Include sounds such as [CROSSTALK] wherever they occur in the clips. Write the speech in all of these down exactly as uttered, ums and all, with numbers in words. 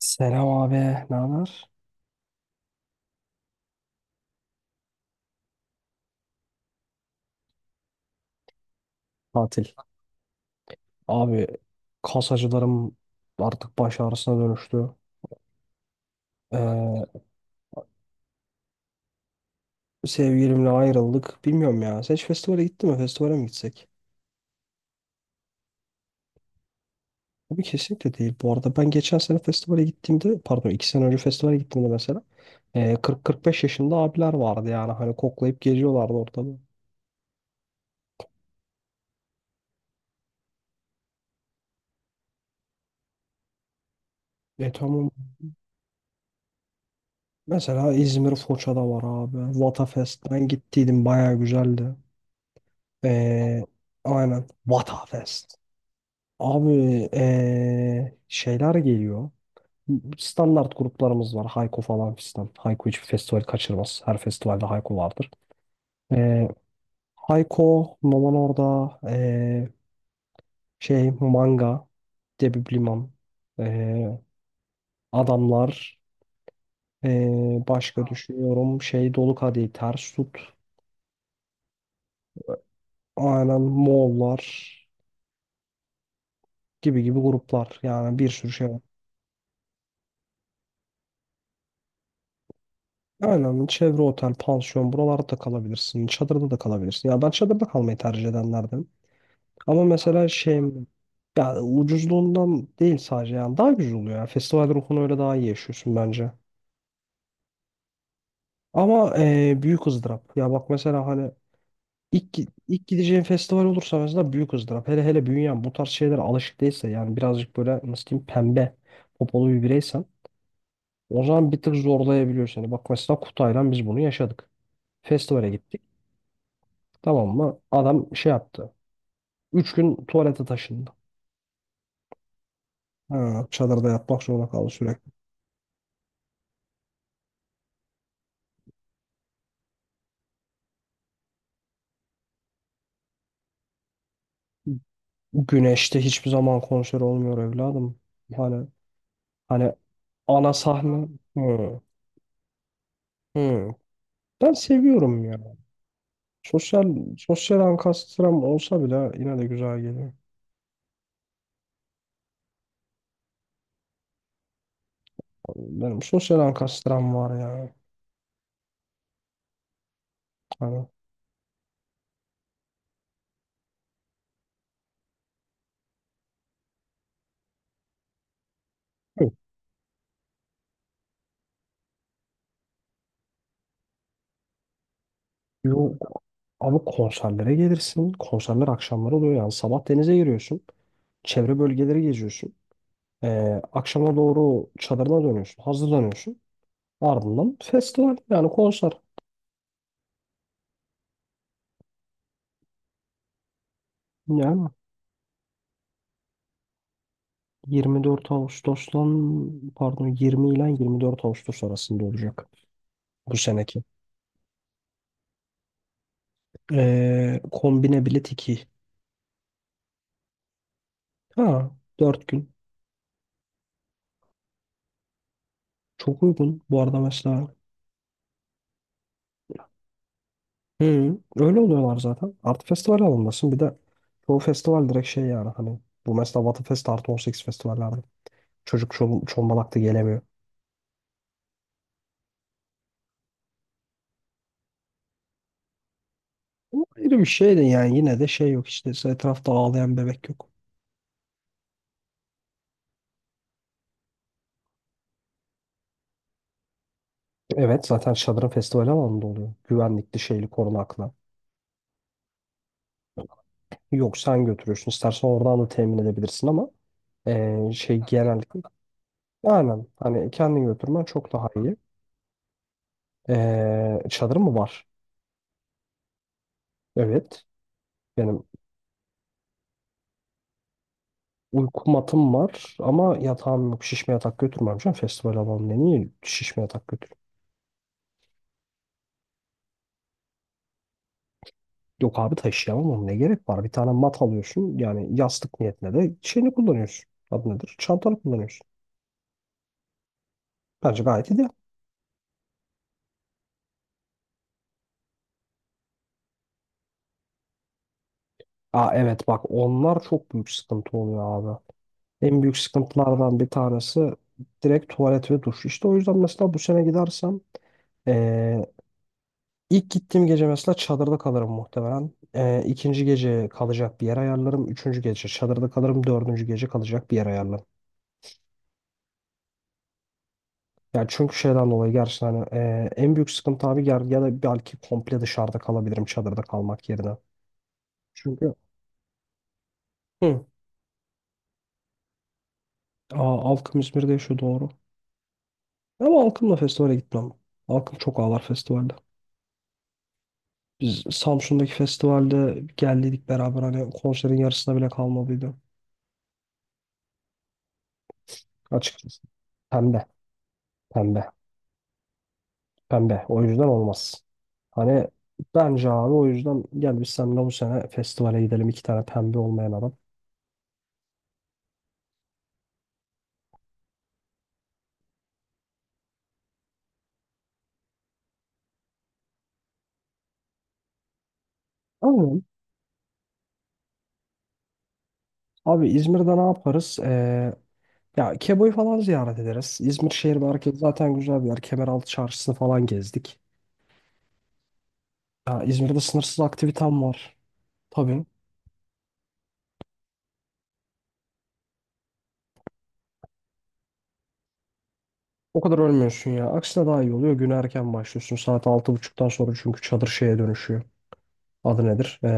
Selam abi, ne haber? Tatil. Abi, kas acılarım artık baş ağrısına dönüştü. Ee, sevgilimle ayrıldık. Bilmiyorum ya. Sen hiç festivale gittin mi? Festivale mi gitsek? Abi kesinlikle değil. Bu arada ben geçen sene festivale gittiğimde, pardon, iki sene önce festivale gittiğimde mesela ee, kırk kırk beş yaşında abiler vardı yani. Hani koklayıp geziyorlardı ortamı. E tamam. Mesela İzmir Foça'da var abi. Vatafest. Ben gittiydim. Bayağı güzeldi. Ee, aynen. Vatafest. Abi eee, şeyler geliyor. Standart gruplarımız var. Hayko falan fistan. Hayko hiçbir festival kaçırmaz. Her festivalde Hayko vardır. Eee Hayko, Noman Orada, eee, şey Manga, Debi Bliman, eee, Adamlar, eee, başka düşünüyorum. Şey Dolu Kadehi, Ters Tut, aynen Moğollar gibi gibi gruplar. Yani bir sürü şey. Aynen, çevre otel, pansiyon buralarda da kalabilirsin. Çadırda da kalabilirsin. Ya ben çadırda kalmayı tercih edenlerden. Ama mesela şey, ya ucuzluğundan değil sadece, yani daha güzel oluyor ya. Festival ruhunu öyle daha iyi yaşıyorsun bence. Ama eee, büyük ızdırap. Ya bak mesela hani ilk, gi- ilk gideceğin festival olursa mesela büyük ızdırap. Hele hele bünyen bu tarz şeylere alışık değilse, yani birazcık böyle nasıl diyeyim, pembe popolu bir bireysen, o zaman bir tık zorlayabiliyor seni. Bak mesela Kutay'la biz bunu yaşadık. Festivale gittik. Tamam mı? Adam şey yaptı. Üç gün tuvalete taşındı. Ha, çadırda yatmak zorunda kaldı sürekli. Güneşte hiçbir zaman konser olmuyor evladım. Hani hani ana sahne. Hı, hı. Ben seviyorum ya. Sosyal sosyal ankastram olsa bile yine de güzel geliyor. Benim sosyal ankastram var ya. Hani, yok, yok. Abi konserlere gelirsin. Konserler akşamları oluyor yani. Sabah denize giriyorsun. Çevre bölgeleri geziyorsun. Ee, akşama doğru çadırına dönüyorsun, hazırlanıyorsun. Ardından festival yani konser. Yani yirmi dört Ağustos'tan, pardon, yirmi ile yirmi dört Ağustos arasında olacak bu seneki. Ee, kombine bilet iki. Ha, dört gün. Çok uygun. Bu arada mesela. Hı, öyle oluyorlar zaten. Artı festival alındasın. Bir de çoğu festival direkt şey, yani hani bu mesela Batı Fest artı on sekiz festivallerde. Çocuk çol- çomalak gelemiyor. Bu ayrı bir şey de, yani yine de şey yok işte, etrafta ağlayan bebek yok. Evet, zaten Şadır'ın festival alanında oluyor. Güvenlikli, şeyli, korunaklı. Yok, sen götürüyorsun. İstersen oradan da temin edebilirsin ama eee, şey genellikle aynen, hani kendin götürmen çok daha iyi. Eee çadırın mı var? Evet. Benim uyku matım var ama yatağım yok. Şişme yatak götürmem canım. Festival alanında niye şişme yatak? Yok abi, taşıyamam oğlum, ne gerek var? Bir tane mat alıyorsun, yani yastık niyetine de şeyini kullanıyorsun. Adı nedir? Çantanı kullanıyorsun. Bence gayet iyi. Aa, evet, bak onlar çok büyük sıkıntı oluyor abi. En büyük sıkıntılardan bir tanesi direkt tuvalet ve duş. İşte o yüzden mesela bu sene gidersem eee, ilk gittiğim gece mesela çadırda kalırım muhtemelen. Eee ikinci gece kalacak bir yer ayarlarım. Üçüncü gece çadırda kalırım. Dördüncü gece kalacak bir yer ayarlarım. Ya çünkü şeyden dolayı gerçekten hani, e, en büyük sıkıntı abi ger, ya da belki komple dışarıda kalabilirim çadırda kalmak yerine. Çünkü hı. Aa, Alkım İzmir'de yaşıyor, doğru. Ama Alkım'la festivale gitmem. Alkım çok ağlar festivalde. Biz Samsun'daki festivalde geldiydik beraber, hani konserin yarısına bile kalmadıydı. Açıkçası. Pembe. Pembe. Pembe. O yüzden olmaz. Hani bence abi o yüzden gel biz seninle bu sene festivale gidelim, iki tane pembe olmayan adam. Aynen. Abi İzmir'de ne yaparız? Ee, Ya Kebo'yu falan ziyaret ederiz. İzmir şehir merkezi zaten güzel bir yer. Kemeraltı çarşısını falan gezdik. Ya İzmir'de sınırsız aktivitem var. Tabii. O kadar ölmüyorsun ya. Aksine daha iyi oluyor. Güne erken başlıyorsun. Saat altı buçuktan sonra çünkü çadır şeye dönüşüyor. Adı nedir? Ee,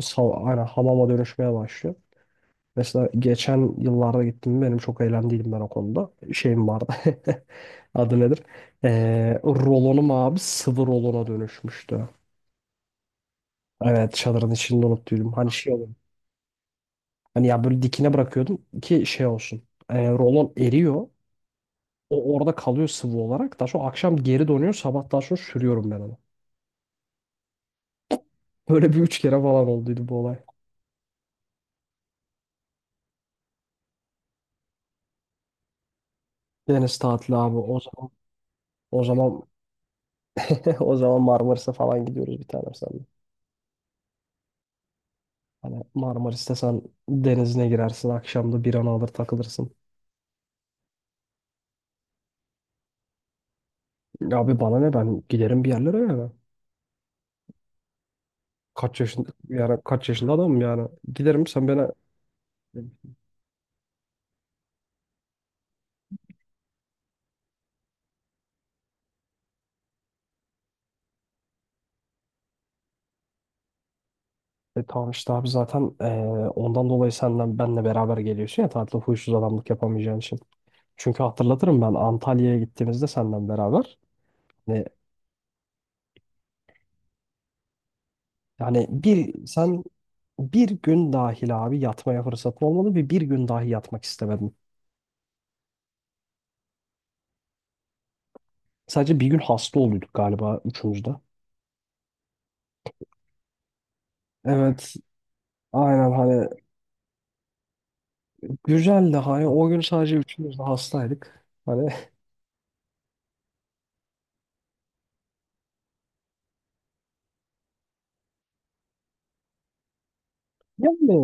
sav- aynen hamama dönüşmeye başlıyor. Mesela geçen yıllarda gittim. Benim çok eğlendiydim ben o konuda. Şeyim vardı. [LAUGHS] Adı nedir? Ee, rolonum abi, sıvı rolona dönüşmüştü. Evet, çadırın içinde unuttuydum. Hani şey. Hani ya, böyle dikine bırakıyordum ki şey olsun. E, rolon eriyor. O orada kalıyor sıvı olarak. Daha sonra akşam geri donuyor. Sabah daha sonra sürüyorum ben onu. [LAUGHS] Böyle bir üç kere falan olduydu bu olay. Deniz tatili abi. O zaman o zaman [LAUGHS] o zaman Marmaris'e falan gidiyoruz bir tanem senle. Hani Marmaris'te sen denizine girersin. Akşamda bir an alır takılırsın. Abi bana ne, ben giderim bir yerlere yani. Kaç yaşında, yani kaç yaşında adamım yani. Giderim, sen bana. E tamam işte abi, zaten e, ondan dolayı senden benle beraber geliyorsun ya, tatilde huysuz adamlık yapamayacağın için. Çünkü hatırlatırım, ben Antalya'ya gittiğimizde senden beraber. Yani, yani bir sen bir gün dahil abi yatmaya fırsatın olmadı ve bir gün dahi yatmak istemedim. Sadece bir gün hasta oluyorduk galiba üçümüz de. Evet, aynen, hani güzeldi, hani o gün sadece üçümüz de hastaydık. Hani, [LAUGHS] yani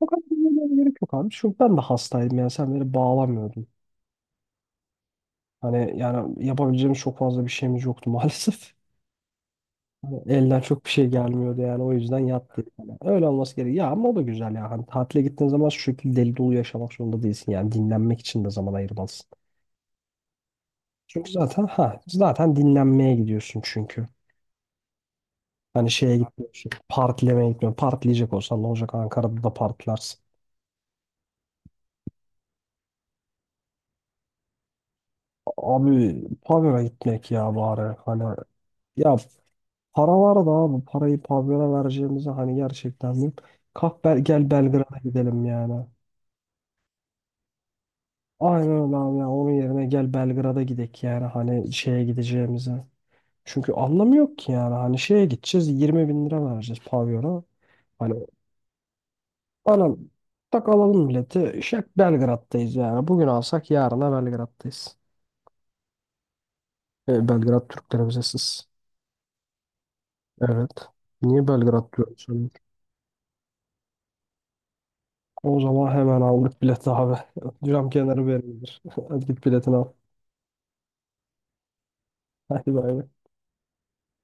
o kadar da gerek yok abi, çünkü ben de hastaydım, yani sen beni bağlamıyordun. Hani yani yapabileceğim çok fazla bir şeyimiz yoktu [LAUGHS] maalesef. Hani elden çok bir şey gelmiyordu yani, o yüzden yattı. Yani öyle olması gerekiyor. Ya ama o da güzel ya. Hani tatile gittiğin zaman şu şekilde deli dolu yaşamak zorunda değilsin. Yani dinlenmek için de zaman ayırmalısın. Çünkü zaten ha zaten dinlenmeye gidiyorsun çünkü. Hani şeye gitmiyorsun. Partilemeye gitmiyorsun. Partileyecek olsan ne olacak, Ankara'da da partilersin. Abi pavyona gitmek ya bari. Hani ya, para var da abi, parayı pavyona vereceğimize hani gerçekten mi? Kalk, bel, gel Belgrad'a gidelim yani. Aynen öyle abi ya. Onun yerine gel Belgrad'a gidek yani, hani şeye gideceğimize. Çünkü anlamı yok ki, yani hani şeye gideceğiz yirmi bin lira vereceğiz pavyona. Hani anam, tak alalım bileti. Şak, Belgrad'dayız yani. Bugün alsak yarına Belgrad'dayız. E, Belgrad Türklerimize siz. Evet. Niye Belgrad diyorsun? O zaman hemen aldık bileti abi. [LAUGHS] Cam kenarı verildir. [LAUGHS] Hadi git biletini al. Hadi bay bay.